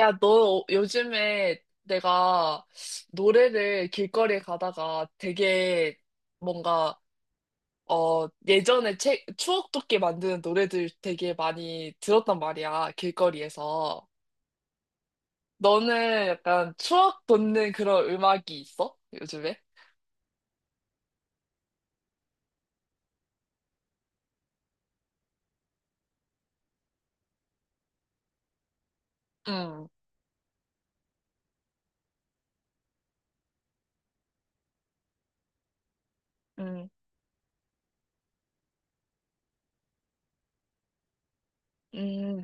야, 너 요즘에 내가 노래를 길거리에 가다가 되게 뭔가, 예전에 책, 추억 돋게 만드는 노래들 되게 많이 들었단 말이야, 길거리에서. 너는 약간 추억 돋는 그런 음악이 있어? 요즘에? 응, 응, 응.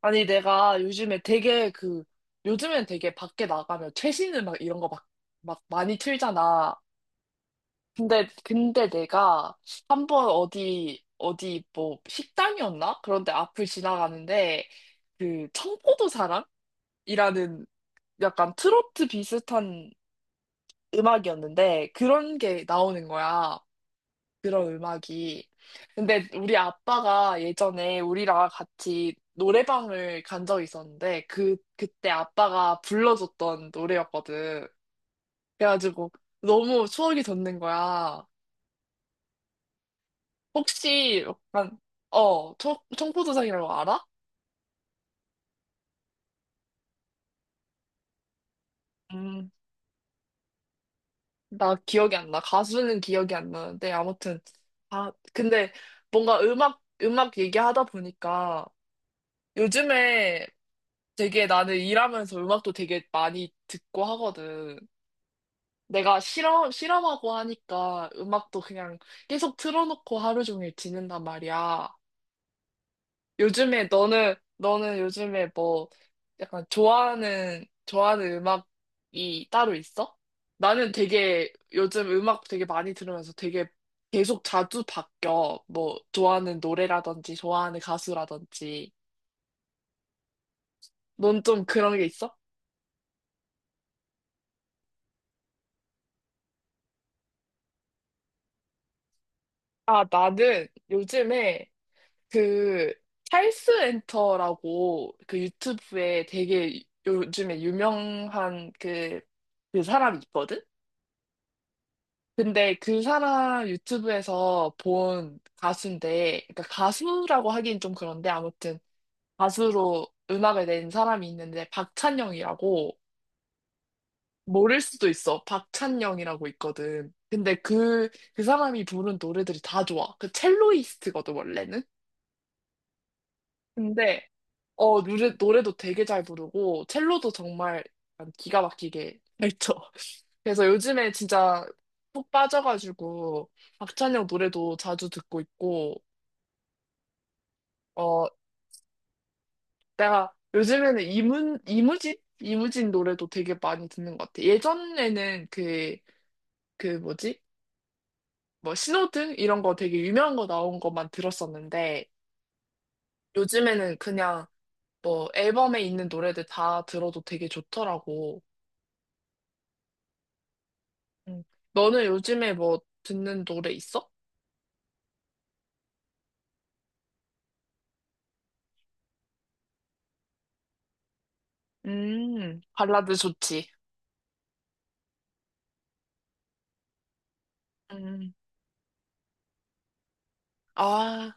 아니, 내가 요즘에 되게 요즘엔 되게 밖에 나가면 최신 음악 이런 거 막, 막 많이 틀잖아. 근데 내가 한번 어디, 어디 뭐 식당이었나? 그런데 앞을 지나가는데 그 청포도 사랑이라는 약간 트로트 비슷한 음악이었는데 그런 게 나오는 거야. 그런 음악이. 근데 우리 아빠가 예전에 우리랑 같이 노래방을 간 적이 있었는데 그, 그때 아빠가 불러줬던 노래였거든. 그래가지고 너무 추억이 돋는 거야. 혹시 약간 어 청, 청포도상이라고 알아? 음, 나 기억이 안 나. 가수는 기억이 안 나는데 아무튼 아 근데 뭔가 음악 얘기하다 보니까 요즘에 되게 나는 일하면서 음악도 되게 많이 듣고 하거든. 내가 실험하고 하니까 음악도 그냥 계속 틀어놓고 하루 종일 지낸단 말이야. 요즘에 너는 요즘에 뭐 약간 좋아하는 음악이 따로 있어? 나는 되게 요즘 음악 되게 많이 들으면서 되게 계속 자주 바뀌어. 뭐 좋아하는 노래라든지 좋아하는 가수라든지. 넌 좀 그런 게 있어? 아, 나는 요즘에 그 찰스 엔터라고 그 유튜브에 되게 요즘에 유명한 그 사람이 있거든? 근데 그 사람 유튜브에서 본 가수인데, 그러니까 가수라고 하긴 좀 그런데 아무튼 가수로 음악을 낸 사람이 있는데 박찬영이라고 모를 수도 있어. 박찬영이라고 있거든. 근데 그, 그 사람이 부른 노래들이 다 좋아. 그 첼로이스트거든, 원래는. 근데, 어, 노래도 되게 잘 부르고, 첼로도 정말 약간 기가 막히게 잘 쳐. 그래서 요즘에 진짜 푹 빠져가지고, 박찬영 노래도 자주 듣고 있고, 어, 내가 요즘에는 이문, 이무진? 이무진 노래도 되게 많이 듣는 것 같아. 예전에는 그, 그 뭐지? 뭐 신호등? 이런 거 되게 유명한 거 나온 것만 들었었는데 요즘에는 그냥 뭐 앨범에 있는 노래들 다 들어도 되게 좋더라고. 응. 너는 요즘에 뭐 듣는 노래 있어? 발라드 좋지. 음, 아,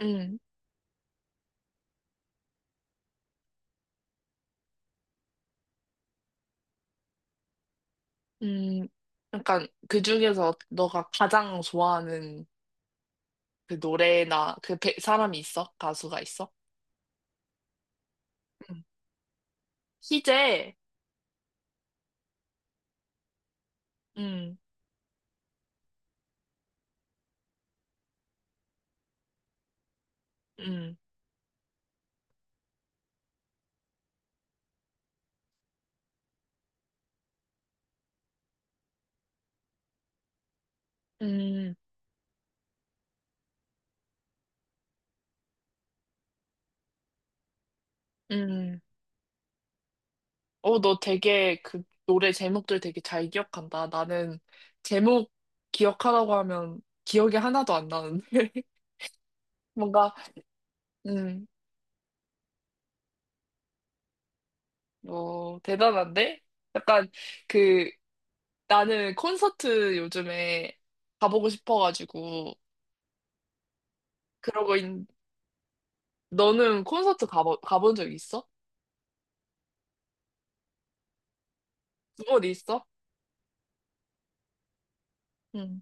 음, 음. 약간 그 중에서 너가 가장 좋아하는 그 노래나 그 배- 사람이 있어? 가수가 있어? 응. 희재. 응 응 응 응 어, 너 되게 그 노래 제목들 되게 잘 기억한다. 나는 제목 기억하라고 하면 기억이 하나도 안 나는데. 뭔가, 음, 어, 대단한데? 약간 그 나는 콘서트 요즘에 가보고 싶어가지고 그러고 있, 너는 콘서트 가보, 가본 적 있어? 두 번 있어? 응,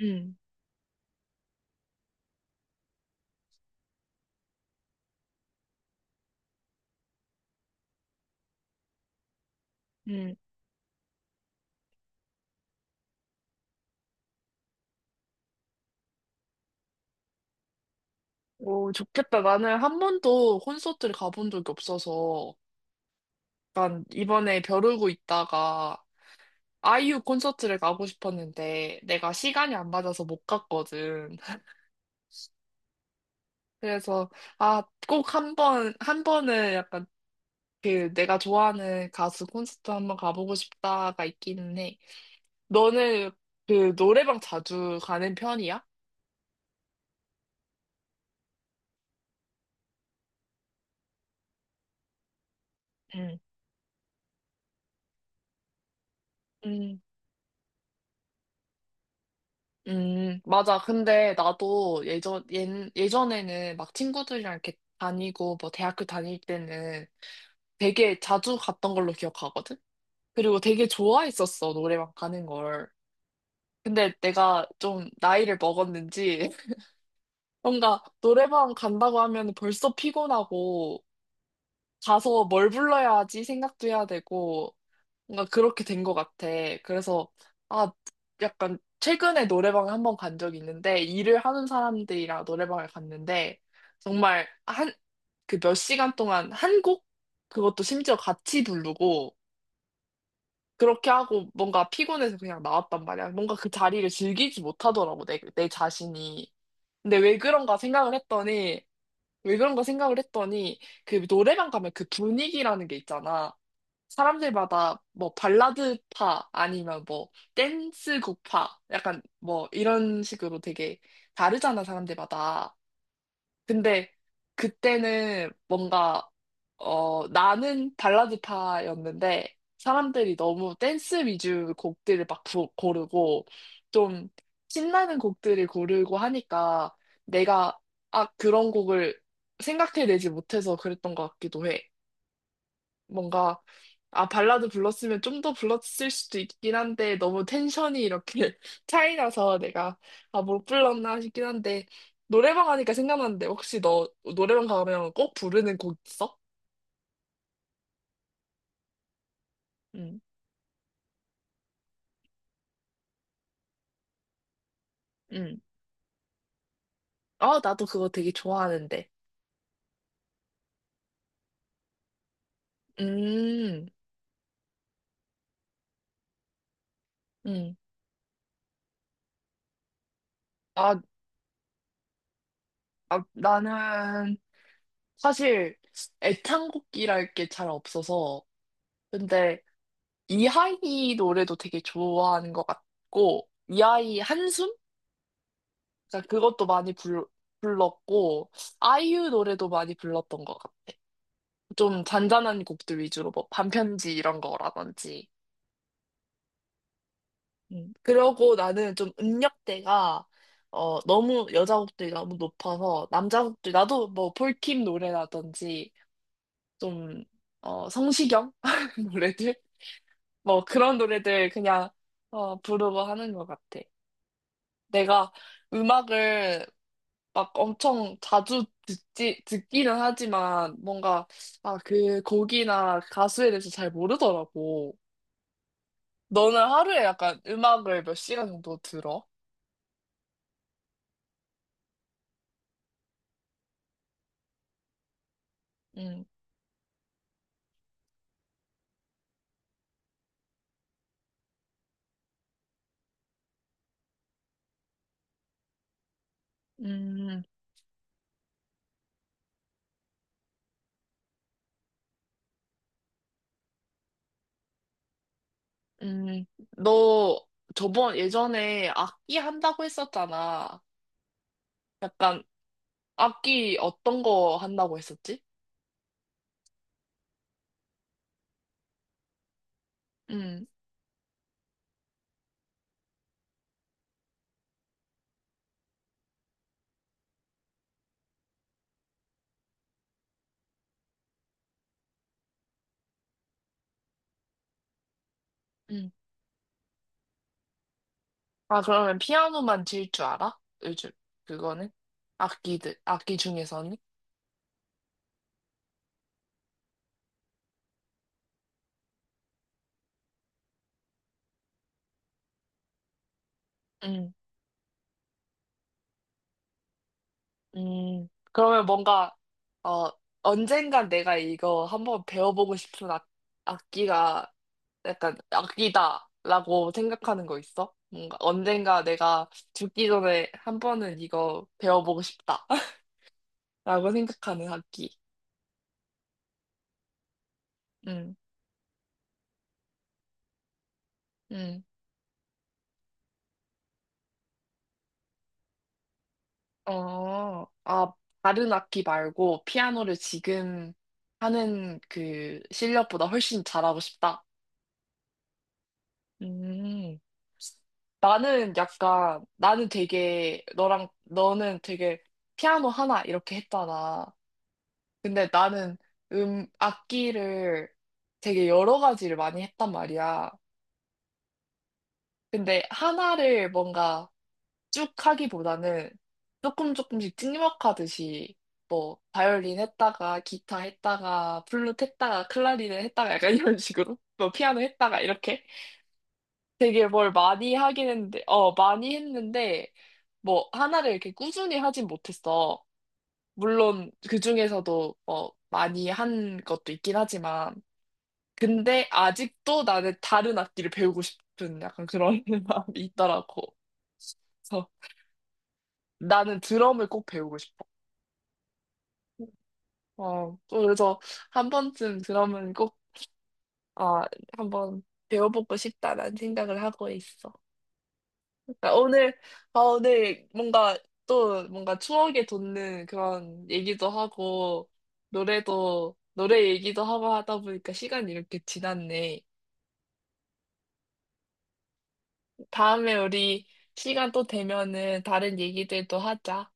응, 응. 오, 좋겠다. 나는 한 번도 콘서트를 가본 적이 없어서, 난 이번에 벼르고 있다가 아이유 콘서트를 가고 싶었는데, 내가 시간이 안 맞아서 못 갔거든. 그래서, 아, 꼭 한 번, 한 번은 약간 그 내가 좋아하는 가수 콘서트 한번 가보고 싶다가 있기는 해. 너는 그 노래방 자주 가는 편이야? 응. 맞아. 근데 나도 예전, 예, 예전에는 막 친구들이랑 이렇게 다니고 뭐 대학교 다닐 때는 되게 자주 갔던 걸로 기억하거든? 그리고 되게 좋아했었어, 노래방 가는 걸. 근데 내가 좀 나이를 먹었는지 뭔가 노래방 간다고 하면 벌써 피곤하고 가서 뭘 불러야 하지 생각도 해야 되고 뭔가 그렇게 된 것 같아. 그래서, 아, 약간, 최근에 노래방에 한 번 간 적이 있는데, 일을 하는 사람들이랑 노래방을 갔는데, 정말, 한, 그 몇 시간 동안 한 곡? 그것도 심지어 같이 부르고, 그렇게 하고, 뭔가 피곤해서 그냥 나왔단 말이야. 뭔가 그 자리를 즐기지 못하더라고, 내, 내 자신이. 근데 왜 그런가 생각을 했더니, 왜 그런가 생각을 했더니, 그 노래방 가면 그 분위기라는 게 있잖아. 사람들마다 뭐 발라드파 아니면 뭐 댄스곡파 약간 뭐 이런 식으로 되게 다르잖아 사람들마다. 근데 그때는 뭔가 어 나는 발라드파였는데 사람들이 너무 댄스 위주 곡들을 막 부- 고르고 좀 신나는 곡들을 고르고 하니까 내가 아 그런 곡을 생각해내지 못해서 그랬던 것 같기도 해. 뭔가 아 발라드 불렀으면 좀 더 불렀을 수도 있긴 한데 너무 텐션이 이렇게 차이 나서 내가 아 못 불렀나 싶긴 한데 노래방 하니까 생각났는데 혹시 너 노래방 가면 꼭 부르는 곡 있어? 응, 응. 아 나도 그거 되게 좋아하는데. 음, 음. 아, 아 나는 사실 애창곡이랄 게 잘 없어서 근데 이하이 노래도 되게 좋아하는 것 같고 이하이 한숨? 그러니까 그것도 많이 불, 불렀고, 아이유 노래도 많이 불렀던 것 같아. 좀 잔잔한 곡들 위주로, 뭐, 반편지 이런 거라든지. 음. 그러고 나는 좀 음역대가, 어, 너무 여자 곡들이 너무 높아서, 남자 곡들, 나도 뭐, 폴킴 노래라든지, 좀, 어, 성시경 노래들? 뭐, 그런 노래들 그냥, 어, 부르고 하는 것 같아. 내가 음악을 막 엄청 자주 듣지, 듣기는 하지만 뭔가, 아, 그 곡이나 가수에 대해서 잘 모르더라고. 너는 하루에 약간 음악을 몇 시간 정도 들어? 음, 음, 음. 너 저번 예전에 악기 한다고 했었잖아. 약간 악기 어떤 거 한다고 했었지? 음, 음. 아, 그러면 피아노만 칠 줄 알아? 요즘 그거는? 악기들, 악기 중에서는? 그러면 뭔가, 어, 언젠간 내가 이거 한번 배워보고 싶은 악, 악기가 약간 악기다라고 생각하는 거 있어? 뭔가 언젠가 내가 죽기 전에 한 번은 이거 배워보고 싶다라고 생각하는 악기. 음, 음. 어, 아, 다른 악기 말고 피아노를 지금 하는 그 실력보다 훨씬 잘하고 싶다. 음. 나는 약간, 나는 되게, 너랑, 너는 되게 피아노 하나 이렇게 했잖아. 근데 나는 악기를 되게 여러 가지를 많이 했단 말이야. 근데 하나를 뭔가 쭉 하기보다는 조금 조금씩 찍먹하듯이 뭐, 바이올린 했다가, 기타 했다가, 플룻 했다가, 클라리넷 했다가 약간 이런 식으로, 뭐, 피아노 했다가 이렇게. 되게 뭘 많이 하긴 했는데, 어, 많이 했는데, 뭐, 하나를 이렇게 꾸준히 하진 못했어. 물론, 그 중에서도, 어, 많이 한 것도 있긴 하지만, 근데 아직도 나는 다른 악기를 배우고 싶은 약간 그런 마음이 있더라고. 그래서 나는 드럼을 꼭 배우고 싶어. 어, 또 그래서 한 번쯤 드럼은 꼭, 아, 한번 배워보고 싶다라는 생각을 하고 있어. 아, 오늘, 아, 오늘 뭔가 또 뭔가 추억에 돋는 그런 얘기도 하고, 노래도, 노래 얘기도 하고 하다 보니까 시간이 이렇게 지났네. 다음에 우리 시간 또 되면은 다른 얘기들도 하자.